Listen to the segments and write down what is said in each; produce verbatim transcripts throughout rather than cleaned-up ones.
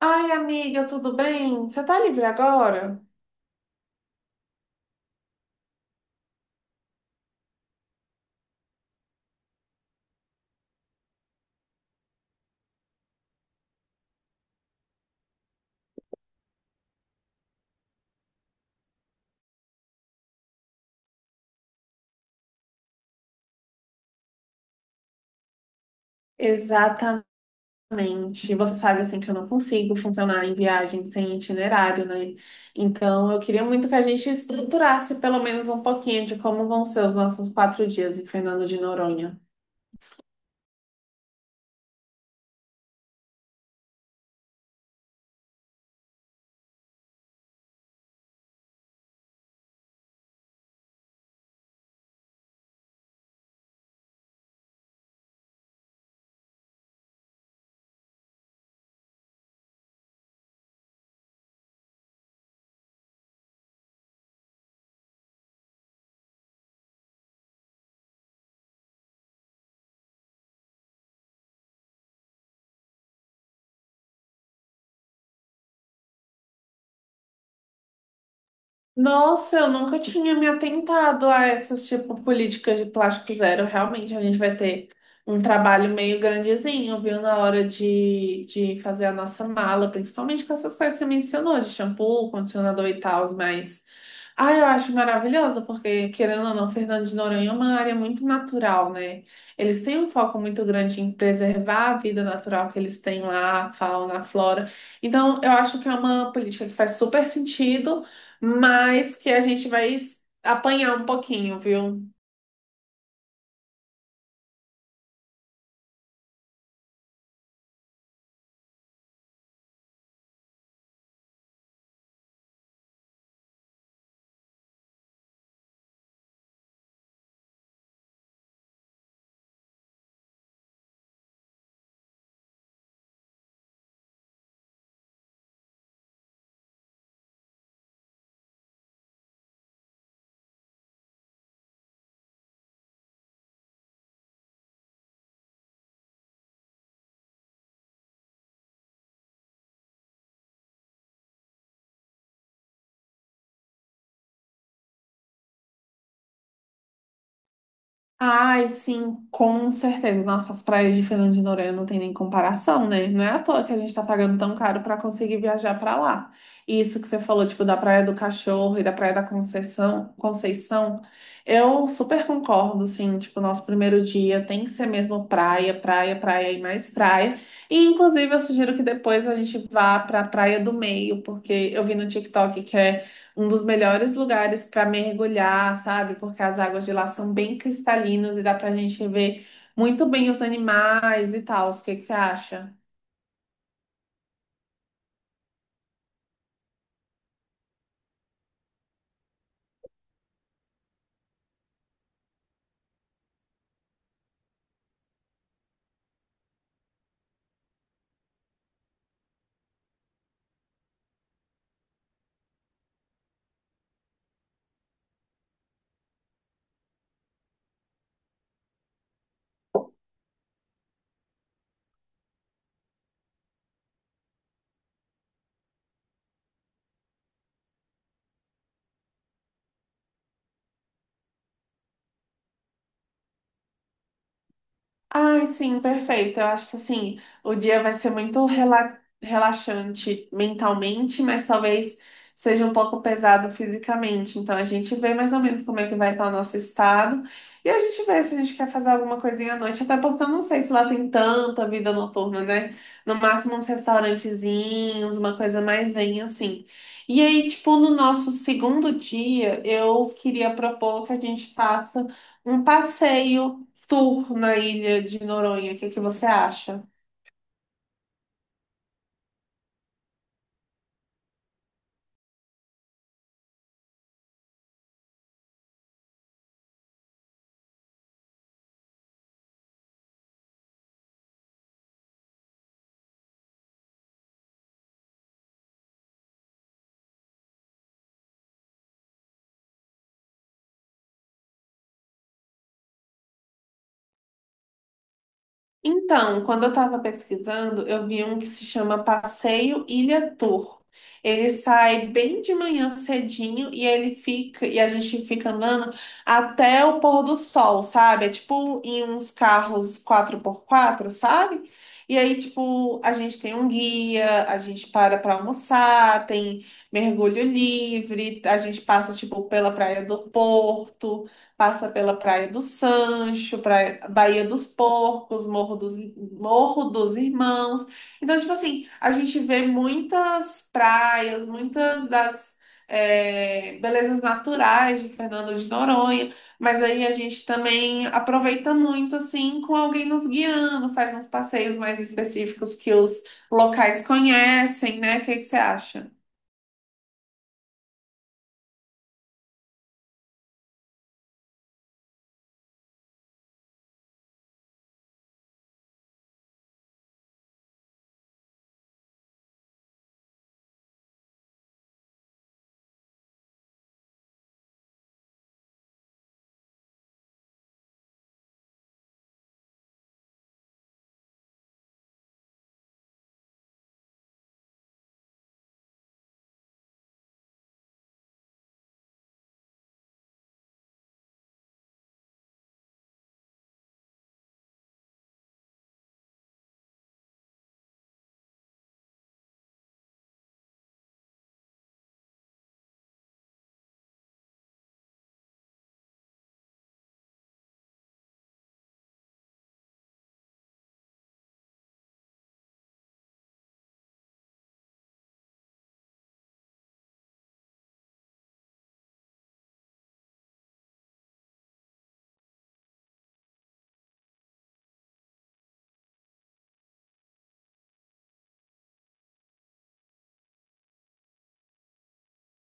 Ai, amiga, tudo bem? Você tá livre agora? Exatamente. Você sabe assim que eu não consigo funcionar em viagem sem itinerário, né? Então eu queria muito que a gente estruturasse pelo menos um pouquinho de como vão ser os nossos quatro dias em Fernando de Noronha. Nossa, eu nunca tinha me atentado a essas, tipo, políticas de plástico zero. Realmente, a gente vai ter um trabalho meio grandezinho, viu? Na hora de, de fazer a nossa mala, principalmente com essas coisas que você mencionou, de shampoo, condicionador e tal, mas. Ah, eu acho maravilhoso, porque, querendo ou não, Fernando de Noronha é uma área muito natural, né? Eles têm um foco muito grande em preservar a vida natural que eles têm lá, a fauna, a flora. Então, eu acho que é uma política que faz super sentido, mas que a gente vai apanhar um pouquinho, viu? Ai, sim, com certeza. Nossa, as praias de Fernando de Noronha não tem nem comparação, né? Não é à toa que a gente tá pagando tão caro pra conseguir viajar pra lá. E isso que você falou, tipo, da Praia do Cachorro e da Praia da Conceição, Conceição, eu super concordo, sim. Tipo, nosso primeiro dia tem que ser mesmo praia, praia, praia e mais praia. E, inclusive, eu sugiro que depois a gente vá pra Praia do Meio, porque eu vi no TikTok que é um dos melhores lugares para mergulhar, sabe? Porque as águas de lá são bem cristalinas e dá para a gente ver muito bem os animais e tal. O que que você acha? Ai, sim, perfeito. Eu acho que assim, o dia vai ser muito rela- relaxante mentalmente, mas talvez seja um pouco pesado fisicamente. Então a gente vê mais ou menos como é que vai estar o nosso estado e a gente vê se a gente quer fazer alguma coisinha à noite, até porque eu não sei se lá tem tanta vida noturna, né? No máximo uns restaurantezinhos, uma coisa mais zen assim. E aí, tipo, no nosso segundo dia, eu queria propor que a gente faça um passeio Tour na ilha de Noronha, o que é que você acha? Então, quando eu estava pesquisando, eu vi um que se chama Passeio Ilha Tour. Ele sai bem de manhã cedinho e ele fica e a gente fica andando até o pôr do sol, sabe? É tipo em uns carros quatro por quatro, sabe? E aí, tipo, a gente tem um guia, a gente para para almoçar, tem mergulho livre, a gente passa, tipo, pela Praia do Porto. Passa pela Praia do Sancho, Praia, Baía dos Porcos, Morro dos, Morro dos Irmãos. Então, tipo assim, a gente vê muitas praias, muitas das é, belezas naturais de Fernando de Noronha, mas aí a gente também aproveita muito, assim, com alguém nos guiando, faz uns passeios mais específicos que os locais conhecem, né? O que que você acha?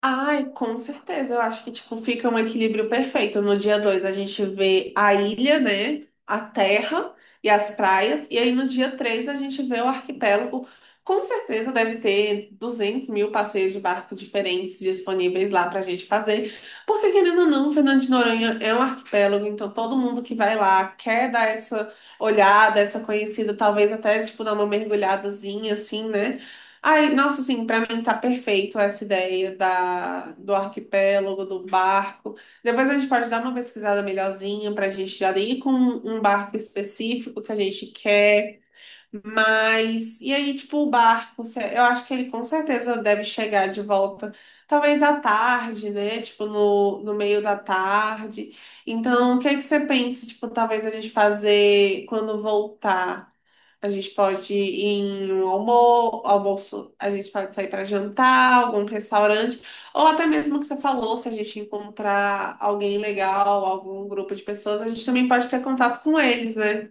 Ai, com certeza. Eu acho que tipo fica um equilíbrio perfeito. No dia dois a gente vê a ilha, né? A terra e as praias. E aí no dia três a gente vê o arquipélago. Com certeza deve ter duzentos mil passeios de barco diferentes disponíveis lá pra gente fazer. Porque, querendo ou não, Fernando de Noronha é um arquipélago, então todo mundo que vai lá quer dar essa olhada, essa conhecida, talvez até tipo dar uma mergulhadazinha assim, né? Ai, nossa, assim, pra mim tá perfeito essa ideia da, do arquipélago, do barco. Depois a gente pode dar uma pesquisada melhorzinha pra gente já ir com um barco específico que a gente quer. Mas, e aí, tipo, o barco, se- eu acho que ele com certeza deve chegar de volta, talvez à tarde, né? Tipo, no, no meio da tarde. Então, o que é que você pensa, tipo, talvez a gente fazer quando voltar? A gente pode ir em um almo almoço, a gente pode sair para jantar, algum restaurante, ou até mesmo o que você falou, se a gente encontrar alguém legal, algum grupo de pessoas, a gente também pode ter contato com eles, né?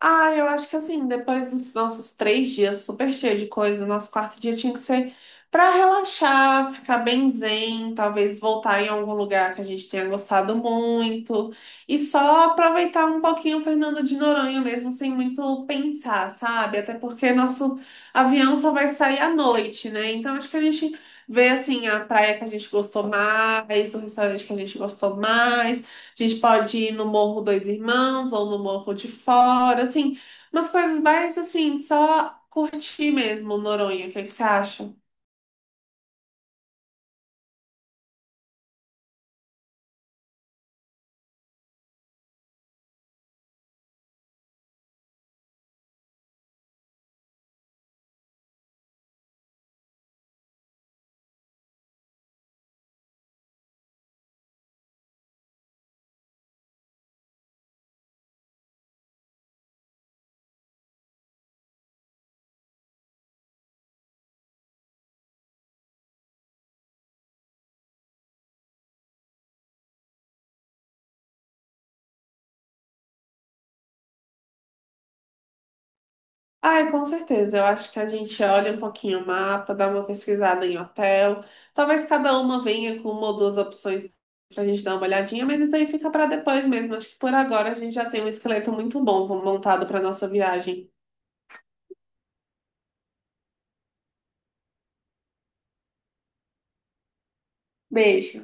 Ah, eu acho que assim, depois dos nossos três dias super cheio de coisa, nosso quarto dia tinha que ser para relaxar, ficar bem zen, talvez voltar em algum lugar que a gente tenha gostado muito e só aproveitar um pouquinho o Fernando de Noronha mesmo, sem muito pensar, sabe? Até porque nosso avião só vai sair à noite, né? Então acho que a gente vê assim a praia que a gente gostou mais, o restaurante que a gente gostou mais. A gente pode ir no Morro Dois Irmãos ou no Morro de Fora, assim, umas coisas mais assim, só curtir mesmo Noronha, o que que você acha? Ai, com certeza. Eu acho que a gente olha um pouquinho o mapa, dá uma pesquisada em hotel. Talvez cada uma venha com uma ou duas opções pra gente dar uma olhadinha, mas isso daí fica pra depois mesmo. Acho que por agora a gente já tem um esqueleto muito bom montado pra nossa viagem. Beijo.